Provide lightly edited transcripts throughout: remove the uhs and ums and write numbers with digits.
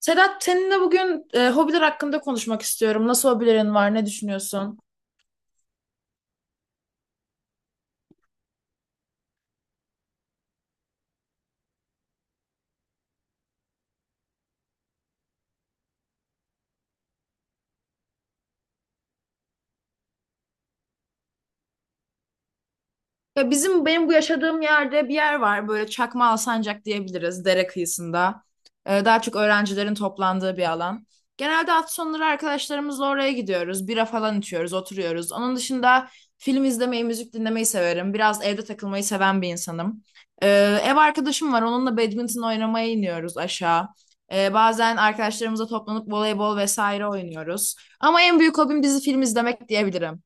Sedat, seninle bugün hobiler hakkında konuşmak istiyorum. Nasıl hobilerin var? Ne düşünüyorsun? Ya bizim benim bu yaşadığım yerde bir yer var böyle Çakma Alsancak diyebiliriz, dere kıyısında. Daha çok öğrencilerin toplandığı bir alan. Genelde hafta sonları arkadaşlarımızla oraya gidiyoruz. Bira falan içiyoruz, oturuyoruz. Onun dışında film izlemeyi, müzik dinlemeyi severim. Biraz evde takılmayı seven bir insanım. Ee, Ev arkadaşım var. Onunla badminton oynamaya iniyoruz aşağı. Bazen arkadaşlarımızla toplanıp voleybol vesaire oynuyoruz. Ama en büyük hobim dizi film izlemek diyebilirim.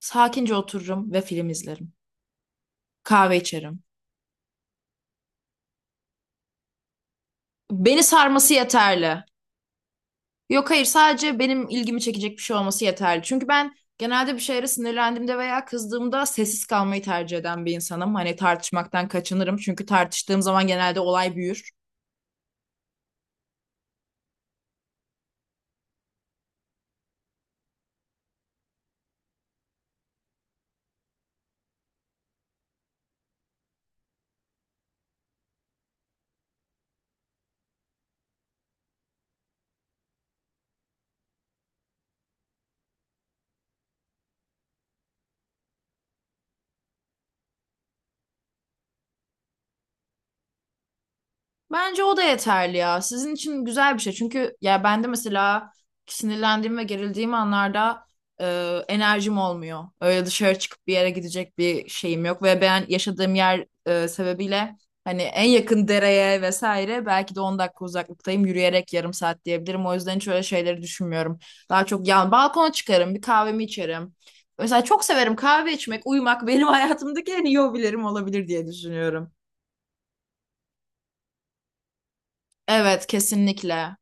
Sakince otururum ve film izlerim. Kahve içerim. Beni sarması yeterli. Yok hayır, sadece benim ilgimi çekecek bir şey olması yeterli. Çünkü ben genelde bir şeylere sinirlendiğimde veya kızdığımda sessiz kalmayı tercih eden bir insanım. Hani tartışmaktan kaçınırım. Çünkü tartıştığım zaman genelde olay büyür. Bence o da yeterli ya. Sizin için güzel bir şey. Çünkü ya ben de mesela sinirlendiğim ve gerildiğim anlarda e, enerjim olmuyor. Öyle dışarı çıkıp bir yere gidecek bir şeyim yok ve ben yaşadığım yer sebebiyle hani en yakın dereye vesaire belki de 10 dakika uzaklıktayım. Yürüyerek yarım saat diyebilirim. O yüzden hiç öyle şeyleri düşünmüyorum. Daha çok yan balkona çıkarım, bir kahvemi içerim. Mesela çok severim kahve içmek, uyumak benim hayatımdaki en iyi hobilerim olabilir diye düşünüyorum. Evet, kesinlikle.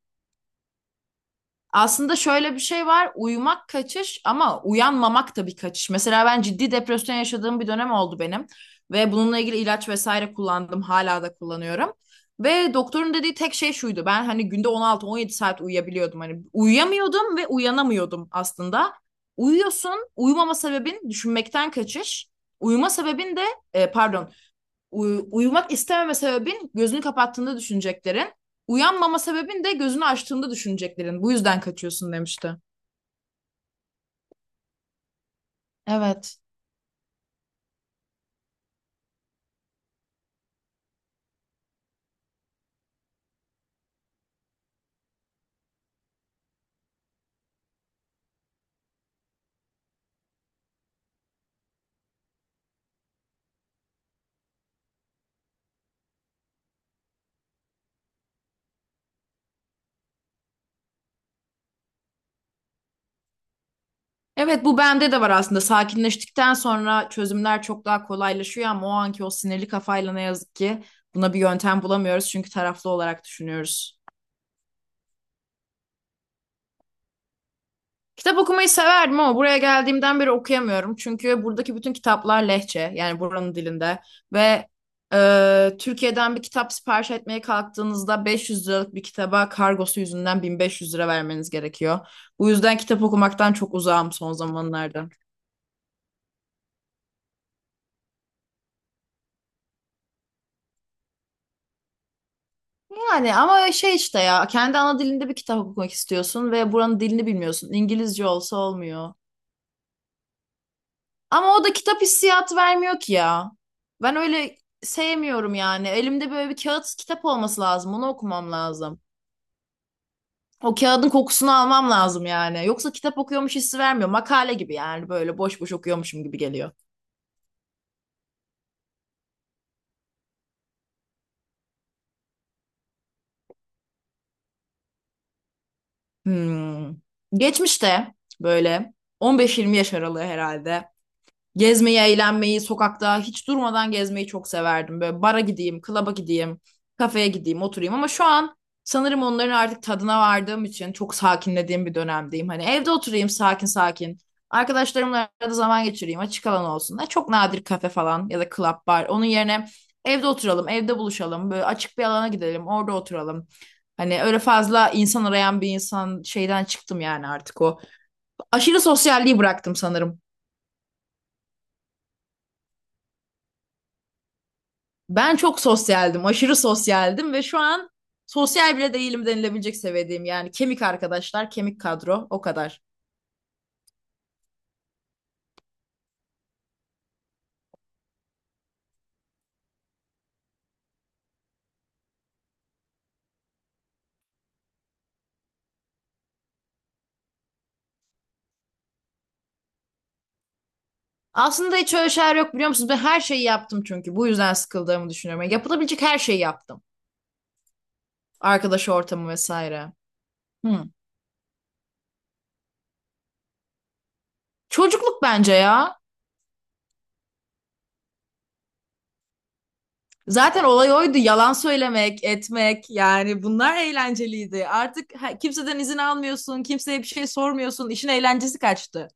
Aslında şöyle bir şey var. Uyumak kaçış ama uyanmamak da bir kaçış. Mesela ben ciddi depresyon yaşadığım bir dönem oldu benim. Ve bununla ilgili ilaç vesaire kullandım. Hala da kullanıyorum. Ve doktorun dediği tek şey şuydu. Ben hani günde 16-17 saat uyuyabiliyordum. Hani uyuyamıyordum ve uyanamıyordum aslında. Uyuyorsun. Uyumama sebebin düşünmekten kaçış. Uyuma sebebin de, pardon, uyumak istememe sebebin gözünü kapattığında düşüneceklerin. Uyanmama sebebin de gözünü açtığında düşüneceklerin. Bu yüzden kaçıyorsun demişti. Evet. Evet, bu bende de var aslında. Sakinleştikten sonra çözümler çok daha kolaylaşıyor ama o anki o sinirli kafayla ne yazık ki buna bir yöntem bulamıyoruz çünkü taraflı olarak düşünüyoruz. Kitap okumayı severdim ama buraya geldiğimden beri okuyamıyorum. Çünkü buradaki bütün kitaplar lehçe, yani buranın dilinde. Ve Türkiye'den bir kitap sipariş etmeye kalktığınızda 500 liralık bir kitaba kargosu yüzünden 1500 lira vermeniz gerekiyor. Bu yüzden kitap okumaktan çok uzağım son zamanlarda. Yani ama şey işte ya, kendi ana dilinde bir kitap okumak istiyorsun ve buranın dilini bilmiyorsun. İngilizce olsa olmuyor. Ama o da kitap hissiyatı vermiyor ki ya. Ben öyle sevmiyorum yani. Elimde böyle bir kağıt kitap olması lazım. Onu okumam lazım. O kağıdın kokusunu almam lazım yani. Yoksa kitap okuyormuş hissi vermiyor. Makale gibi yani, böyle boş boş okuyormuşum gibi geliyor. Hmm. Geçmişte böyle 15-20 yaş aralığı herhalde. Gezmeyi, eğlenmeyi, sokakta hiç durmadan gezmeyi çok severdim. Böyle bara gideyim, klaba gideyim, kafeye gideyim, oturayım. Ama şu an sanırım onların artık tadına vardığım için çok sakinlediğim bir dönemdeyim. Hani evde oturayım sakin sakin. Arkadaşlarımla arada zaman geçireyim, açık alan olsun. Ha, çok nadir kafe falan ya da club bar. Onun yerine evde oturalım, evde buluşalım. Böyle açık bir alana gidelim, orada oturalım. Hani öyle fazla insan arayan bir insan şeyden çıktım yani artık o. Aşırı sosyalliği bıraktım sanırım. Ben çok sosyaldim, aşırı sosyaldim ve şu an sosyal bile değilim denilebilecek seviyedeyim. Yani kemik arkadaşlar, kemik kadro, o kadar. Aslında hiç öyle şeyler yok biliyor musunuz? Ben her şeyi yaptım çünkü. Bu yüzden sıkıldığımı düşünüyorum. Yani yapılabilecek her şeyi yaptım. Arkadaş ortamı vesaire. Hı. Çocukluk bence ya. Zaten olay oydu. Yalan söylemek, etmek, yani bunlar eğlenceliydi. Artık kimseden izin almıyorsun, kimseye bir şey sormuyorsun. İşin eğlencesi kaçtı.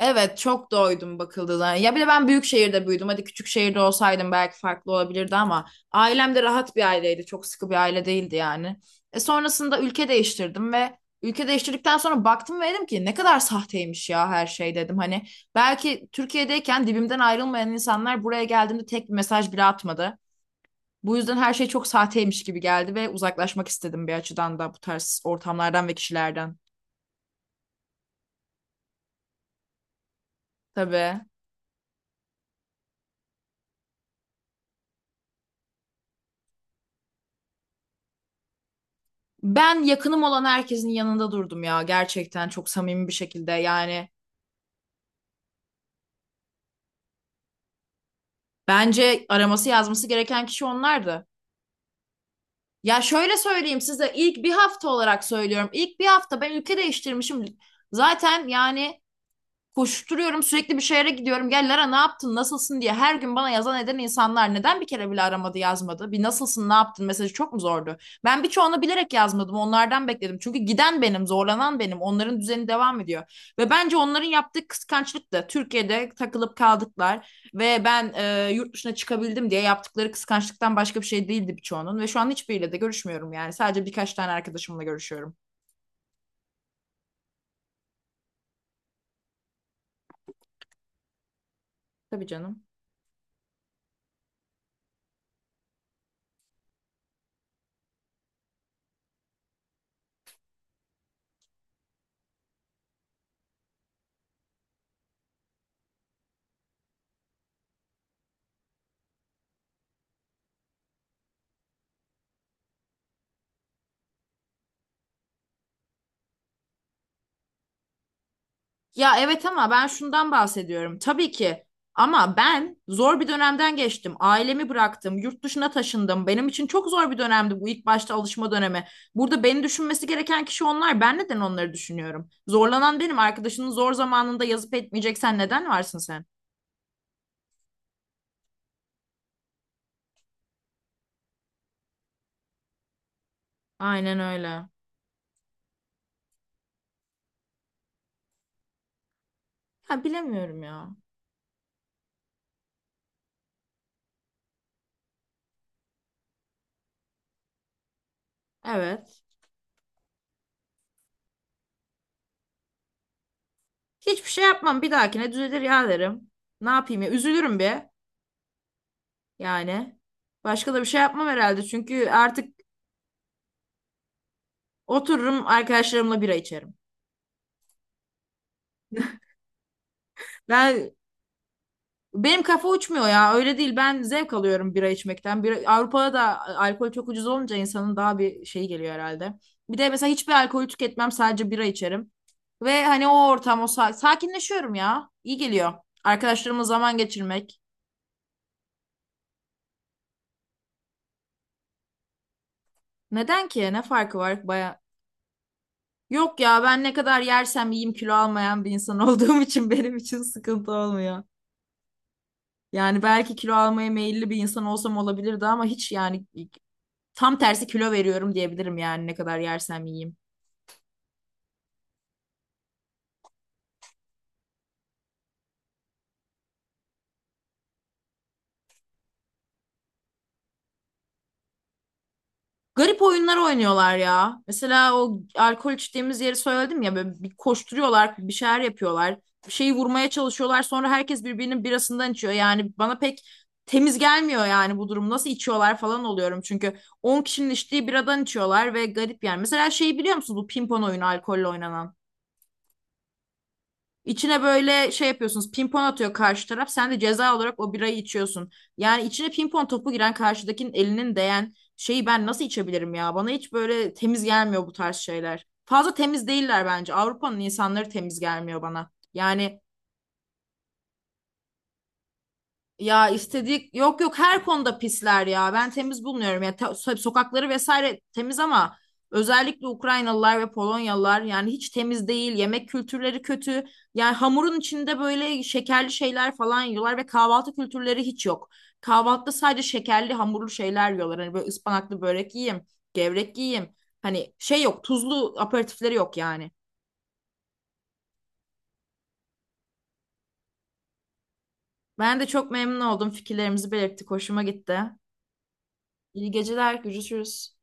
Evet, çok doydum bakıldığına. Ya bir de ben büyük şehirde büyüdüm. Hadi küçük şehirde olsaydım belki farklı olabilirdi ama ailem de rahat bir aileydi. Çok sıkı bir aile değildi yani. E sonrasında ülke değiştirdim ve ülke değiştirdikten sonra baktım ve dedim ki ne kadar sahteymiş ya her şey dedim. Hani belki Türkiye'deyken dibimden ayrılmayan insanlar buraya geldiğimde tek bir mesaj bile atmadı. Bu yüzden her şey çok sahteymiş gibi geldi ve uzaklaşmak istedim bir açıdan da bu tarz ortamlardan ve kişilerden. Tabii. Ben yakınım olan herkesin yanında durdum ya, gerçekten çok samimi bir şekilde. Yani bence araması yazması gereken kişi onlardı. Ya şöyle söyleyeyim size, ilk bir hafta olarak söylüyorum. İlk bir hafta ben ülke değiştirmişim. Zaten yani koşturuyorum, sürekli bir şehre gidiyorum. Gel Lara ne yaptın nasılsın diye her gün bana yazan eden insanlar neden bir kere bile aramadı, yazmadı? Bir nasılsın ne yaptın mesajı çok mu zordu? Ben birçoğunu bilerek yazmadım, onlardan bekledim. Çünkü giden benim, zorlanan benim, onların düzeni devam ediyor. Ve bence onların yaptığı kıskançlık da Türkiye'de takılıp kaldıklar ve ben yurt dışına çıkabildim diye yaptıkları kıskançlıktan başka bir şey değildi birçoğunun. Ve şu an hiçbiriyle de görüşmüyorum yani, sadece birkaç tane arkadaşımla görüşüyorum. Tabii canım. Ya evet, ama ben şundan bahsediyorum. Tabii ki ama ben zor bir dönemden geçtim. Ailemi bıraktım, yurt dışına taşındım. Benim için çok zor bir dönemdi bu, ilk başta alışma dönemi. Burada beni düşünmesi gereken kişi onlar. Ben neden onları düşünüyorum? Zorlanan benim. Arkadaşının zor zamanında yazıp etmeyeceksen neden varsın sen? Aynen öyle. Ha bilemiyorum ya. Evet. Hiçbir şey yapmam. Bir dahakine düzelir ya derim. Ne yapayım ya? Üzülürüm bir. Yani. Başka da bir şey yapmam herhalde. Çünkü artık otururum arkadaşlarımla bira içerim. Ben benim kafa uçmuyor ya, öyle değil, ben zevk alıyorum bira içmekten. Bir, Avrupa'da da alkol çok ucuz olunca insanın daha bir şeyi geliyor herhalde. Bir de mesela hiçbir alkol tüketmem, sadece bira içerim. Ve hani o ortam, o sakinleşiyorum ya. İyi geliyor. Arkadaşlarımla zaman geçirmek. Neden ki? Ne farkı var? Baya... Yok ya, ben ne kadar yersem yiyeyim kilo almayan bir insan olduğum için benim için sıkıntı olmuyor. Yani belki kilo almaya meyilli bir insan olsam olabilirdi ama hiç yani. Tam tersi kilo veriyorum diyebilirim yani, ne kadar yersem yiyeyim. Garip oyunlar oynuyorlar ya. Mesela o alkol içtiğimiz yeri söyledim ya, böyle bir koşturuyorlar, bir şeyler yapıyorlar. Bir şeyi vurmaya çalışıyorlar. Sonra herkes birbirinin birasından içiyor. Yani bana pek temiz gelmiyor yani bu durum. Nasıl içiyorlar falan oluyorum. Çünkü 10 kişinin içtiği biradan içiyorlar ve garip yani. Mesela şeyi biliyor musun, bu pimpon oyunu alkolle oynanan? İçine böyle şey yapıyorsunuz. Pimpon atıyor karşı taraf. Sen de ceza olarak o birayı içiyorsun. Yani içine pimpon topu giren, karşıdakinin elinin değen şeyi ben nasıl içebilirim ya? Bana hiç böyle temiz gelmiyor bu tarz şeyler. Fazla temiz değiller bence. Avrupa'nın insanları temiz gelmiyor bana. Yani ya, istedik, yok yok her konuda pisler ya. Ben temiz bulmuyorum. Ya sokakları vesaire temiz ama özellikle Ukraynalılar ve Polonyalılar yani hiç temiz değil. Yemek kültürleri kötü. Yani hamurun içinde böyle şekerli şeyler falan yiyorlar ve kahvaltı kültürleri hiç yok. Kahvaltıda sadece şekerli hamurlu şeyler yiyorlar. Hani böyle ıspanaklı börek yiyeyim, gevrek yiyeyim. Hani şey yok, tuzlu aperatifleri yok yani. Ben de çok memnun oldum. Fikirlerimizi belirttik. Hoşuma gitti. İyi geceler. Görüşürüz.